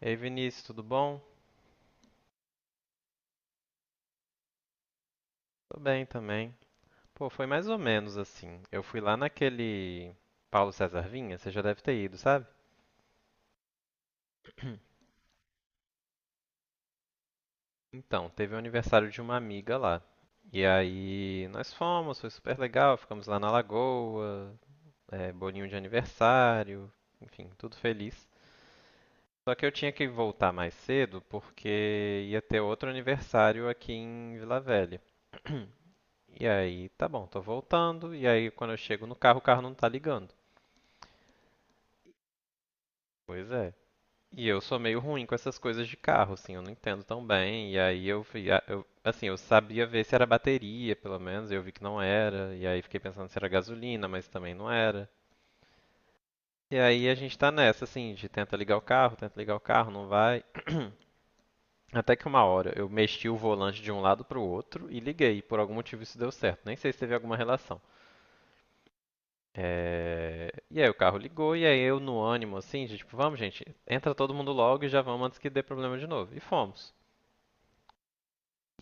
Ei, Vinícius, tudo bom? Tô bem também. Pô, foi mais ou menos assim. Eu fui lá naquele Paulo César Vinha, você já deve ter ido, sabe? Então, teve o aniversário de uma amiga lá. E aí nós fomos, foi super legal, ficamos lá na lagoa, é, bolinho de aniversário, enfim, tudo feliz. Só que eu tinha que voltar mais cedo porque ia ter outro aniversário aqui em Vila Velha. E aí, tá bom, tô voltando, e aí quando eu chego no carro, o carro não tá ligando. Pois é. E eu sou meio ruim com essas coisas de carro, assim, eu não entendo tão bem. E aí eu fui, assim, eu sabia ver se era bateria, pelo menos, e eu vi que não era. E aí fiquei pensando se era gasolina, mas também não era. E aí a gente tá nessa, assim, de tenta ligar o carro, tenta ligar o carro, não vai. Até que uma hora eu mexi o volante de um lado pro outro e liguei. Por algum motivo isso deu certo, nem sei se teve alguma relação. É. E aí o carro ligou e aí eu no ânimo, assim, de tipo, vamos gente, entra todo mundo logo e já vamos antes que dê problema de novo. E fomos.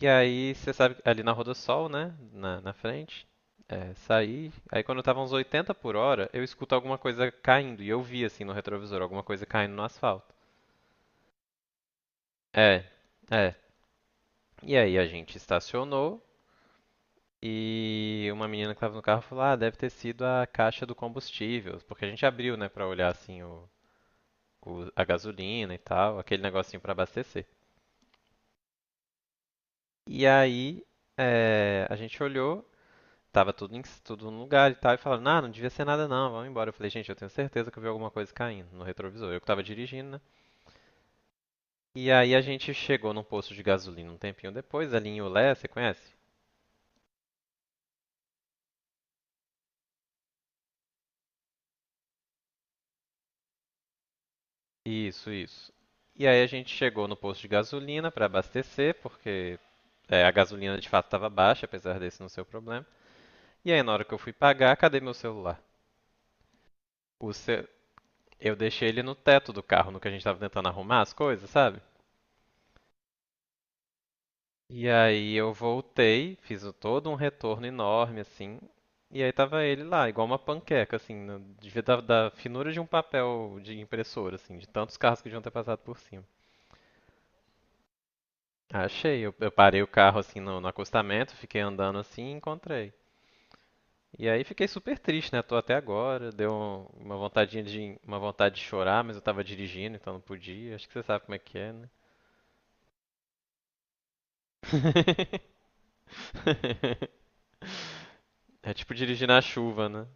E aí, você sabe, ali na Rodossol, né? Na frente. É, saí. Aí quando eu tava uns 80 por hora, eu escuto alguma coisa caindo. E eu vi, assim, no retrovisor, alguma coisa caindo no asfalto. É, é. E aí a gente estacionou. E uma menina que tava no carro falou: Ah, deve ter sido a caixa do combustível. Porque a gente abriu, né, pra olhar, assim, o, a gasolina e tal, aquele negocinho pra abastecer. E aí, é, a gente olhou. Tava tudo no lugar e tal. E falaram, não devia ser nada não, vamos embora. Eu falei, gente, eu tenho certeza que eu vi alguma coisa caindo no retrovisor. Eu que tava dirigindo, né? E aí a gente chegou num posto de gasolina um tempinho depois, ali em Ulé, você conhece? Isso, isso. E aí a gente chegou no posto de gasolina para abastecer, porque é, a gasolina de fato estava baixa, apesar desse não ser o problema. E aí na hora que eu fui pagar, cadê meu celular? O ce... Eu deixei ele no teto do carro, no que a gente tava tentando arrumar as coisas, sabe? E aí eu voltei, fiz todo um retorno enorme, assim. E aí tava ele lá, igual uma panqueca, assim, devia da finura de um papel de impressora, assim, de tantos carros que deviam ter passado por cima. Achei, eu parei o carro, assim, no acostamento, fiquei andando assim e encontrei. E aí fiquei super triste, né? Tô até agora, uma uma vontade de chorar, mas eu tava dirigindo, então não podia. Acho que você sabe como é que é, né? É tipo dirigir na chuva, né?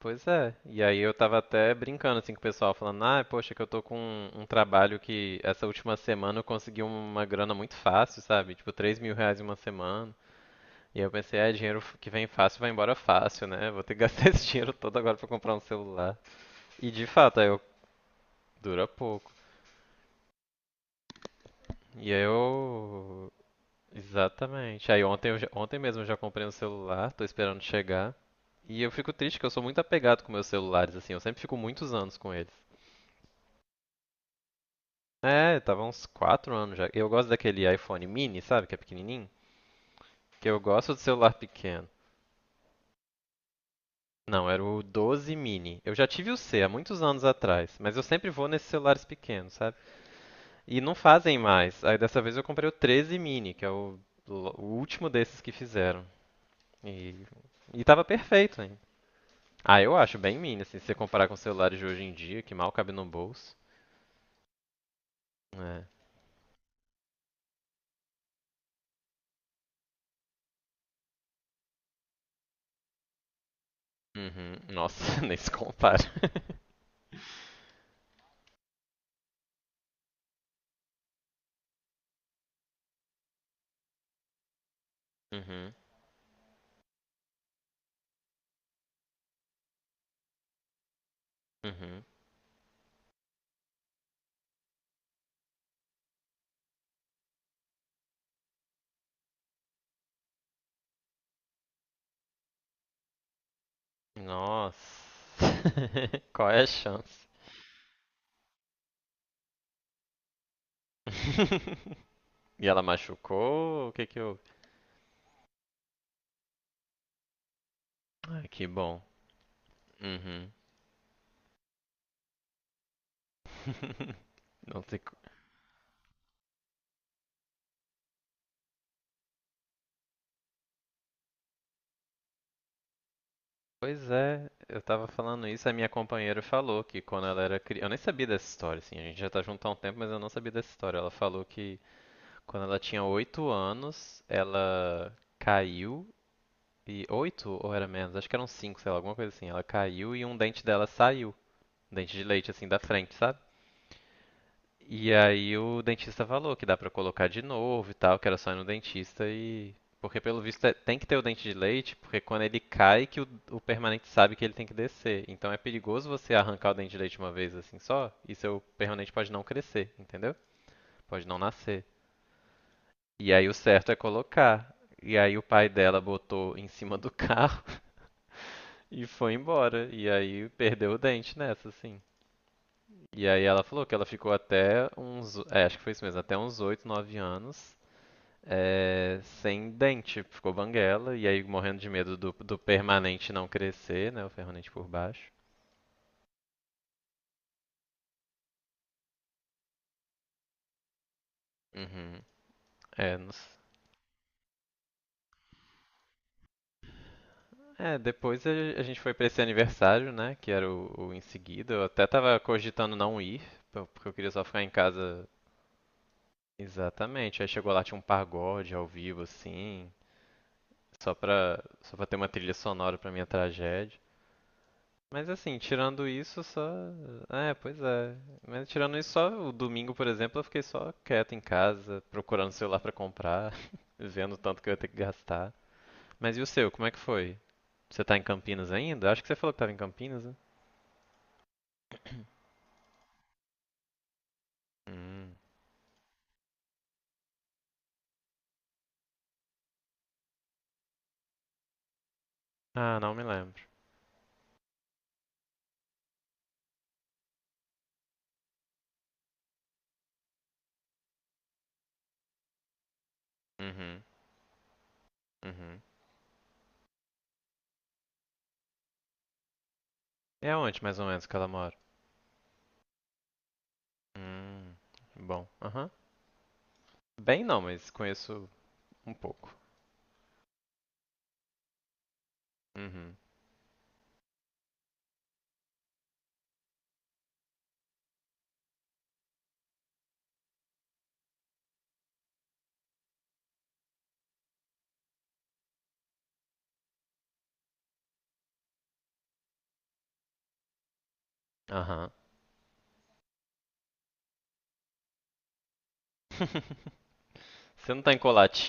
Pois é. E aí eu tava até brincando assim com o pessoal, falando, ah, poxa, que eu tô com um trabalho que essa última semana eu consegui uma grana muito fácil, sabe? Tipo, 3.000 reais em uma semana. E aí eu pensei, é, dinheiro que vem fácil vai embora fácil, né? Vou ter que gastar esse dinheiro todo agora pra comprar um celular. E de fato, aí eu dura pouco. E aí eu. Exatamente. Aí ontem, ontem mesmo eu já comprei um celular, tô esperando chegar. E eu fico triste que eu sou muito apegado com meus celulares, assim, eu sempre fico muitos anos com eles. É, tava uns 4 anos já. Eu gosto daquele iPhone mini, sabe? Que é pequenininho. Que eu gosto do celular pequeno. Não, era o 12 mini. Eu já tive o C há muitos anos atrás, mas eu sempre vou nesses celulares pequenos, sabe? E não fazem mais. Aí dessa vez eu comprei o 13 mini, que é o último desses que fizeram. E, e tava perfeito, hein? Ah, eu acho bem mini, assim, se você comparar com os celulares de hoje em dia, que mal cabe no bolso. É. Uhum. Nossa, nem se compara. Uhum. Uhum. Nossa. Qual é a chance? E ela machucou? O que que houve? Ai, que bom. Uhum. Não sei. Pois é, eu tava falando isso, a minha companheira falou que quando ela era criança. Eu nem sabia dessa história, assim, a gente já tá junto há um tempo, mas eu não sabia dessa história. Ela falou que quando ela tinha 8 anos, ela caiu e. 8 ou era menos? Acho que eram 5, sei lá, alguma coisa assim. Ela caiu e um dente dela saiu. Um dente de leite, assim, da frente, sabe? E aí o dentista falou que dá pra colocar de novo e tal, que era só ir no dentista. Porque pelo visto tem que ter o dente de leite, porque quando ele cai que o permanente sabe que ele tem que descer. Então é perigoso você arrancar o dente de leite uma vez assim só, e seu permanente pode não crescer, entendeu? Pode não nascer. E aí o certo é colocar. E aí o pai dela botou em cima do carro e foi embora. E aí perdeu o dente nessa, assim. E aí ela falou que ela ficou até uns, é, acho que foi isso mesmo, até uns 8, 9 anos. É, sem dente, ficou banguela, e aí morrendo de medo do permanente não crescer, né? O permanente por baixo. Uhum. É, não é, depois a gente foi pra esse aniversário, né? Que era o em seguida. Eu até tava cogitando não ir, porque eu queria só ficar em casa. Exatamente. Aí chegou lá, tinha um pagode ao vivo, assim, só pra ter uma trilha sonora pra minha tragédia. Mas assim, tirando isso, só. É, pois é. Mas tirando isso, só o domingo, por exemplo, eu fiquei só quieto em casa, procurando celular pra comprar, vendo o tanto que eu ia ter que gastar. Mas e o seu, como é que foi? Você tá em Campinas ainda? Acho que você falou que tava em Campinas, né? Hum. Ah, não me lembro. Uhum, uhum. E aonde mais ou menos que ela mora? Hum, bom, aham. Bem não, mas conheço um pouco. Uhum, aham,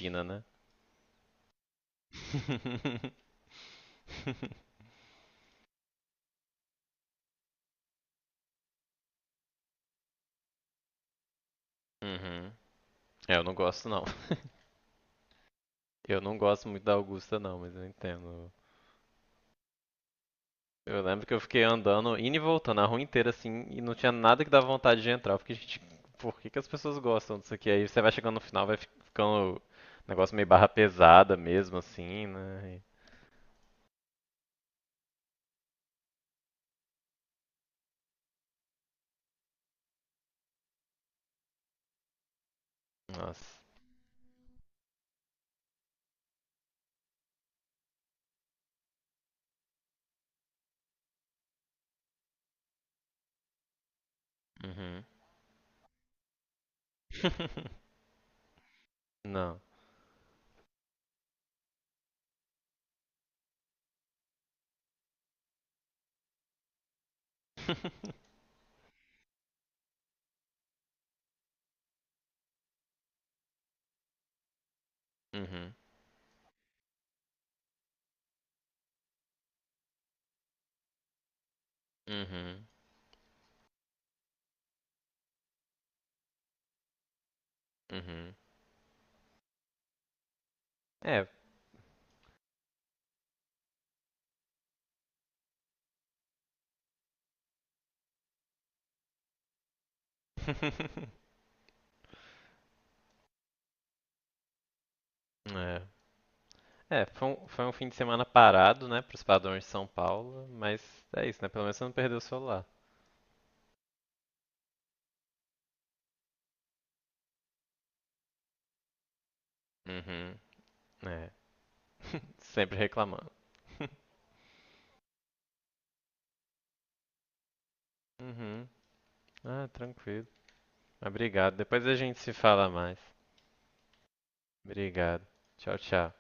né? Uhum. É, eu não gosto não. Eu não gosto muito da Augusta, não, mas eu entendo. Eu lembro que eu fiquei andando, indo e voltando a rua inteira, assim, e não tinha nada que dava vontade de entrar. Porque, gente, por que que as pessoas gostam disso aqui? Aí você vai chegando no final, vai ficando um negócio meio barra pesada mesmo, assim, né? Nossa. Uhum. Não. Uhum. Uhum. Uhum. É. É. É, foi um fim de semana parado, né, pros padrões de São Paulo, mas é isso, né? Pelo menos você não perdeu o celular. Uhum. É, sempre reclamando. Uhum. Ah, tranquilo. Obrigado. Depois a gente se fala mais. Obrigado. Tchau, tchau.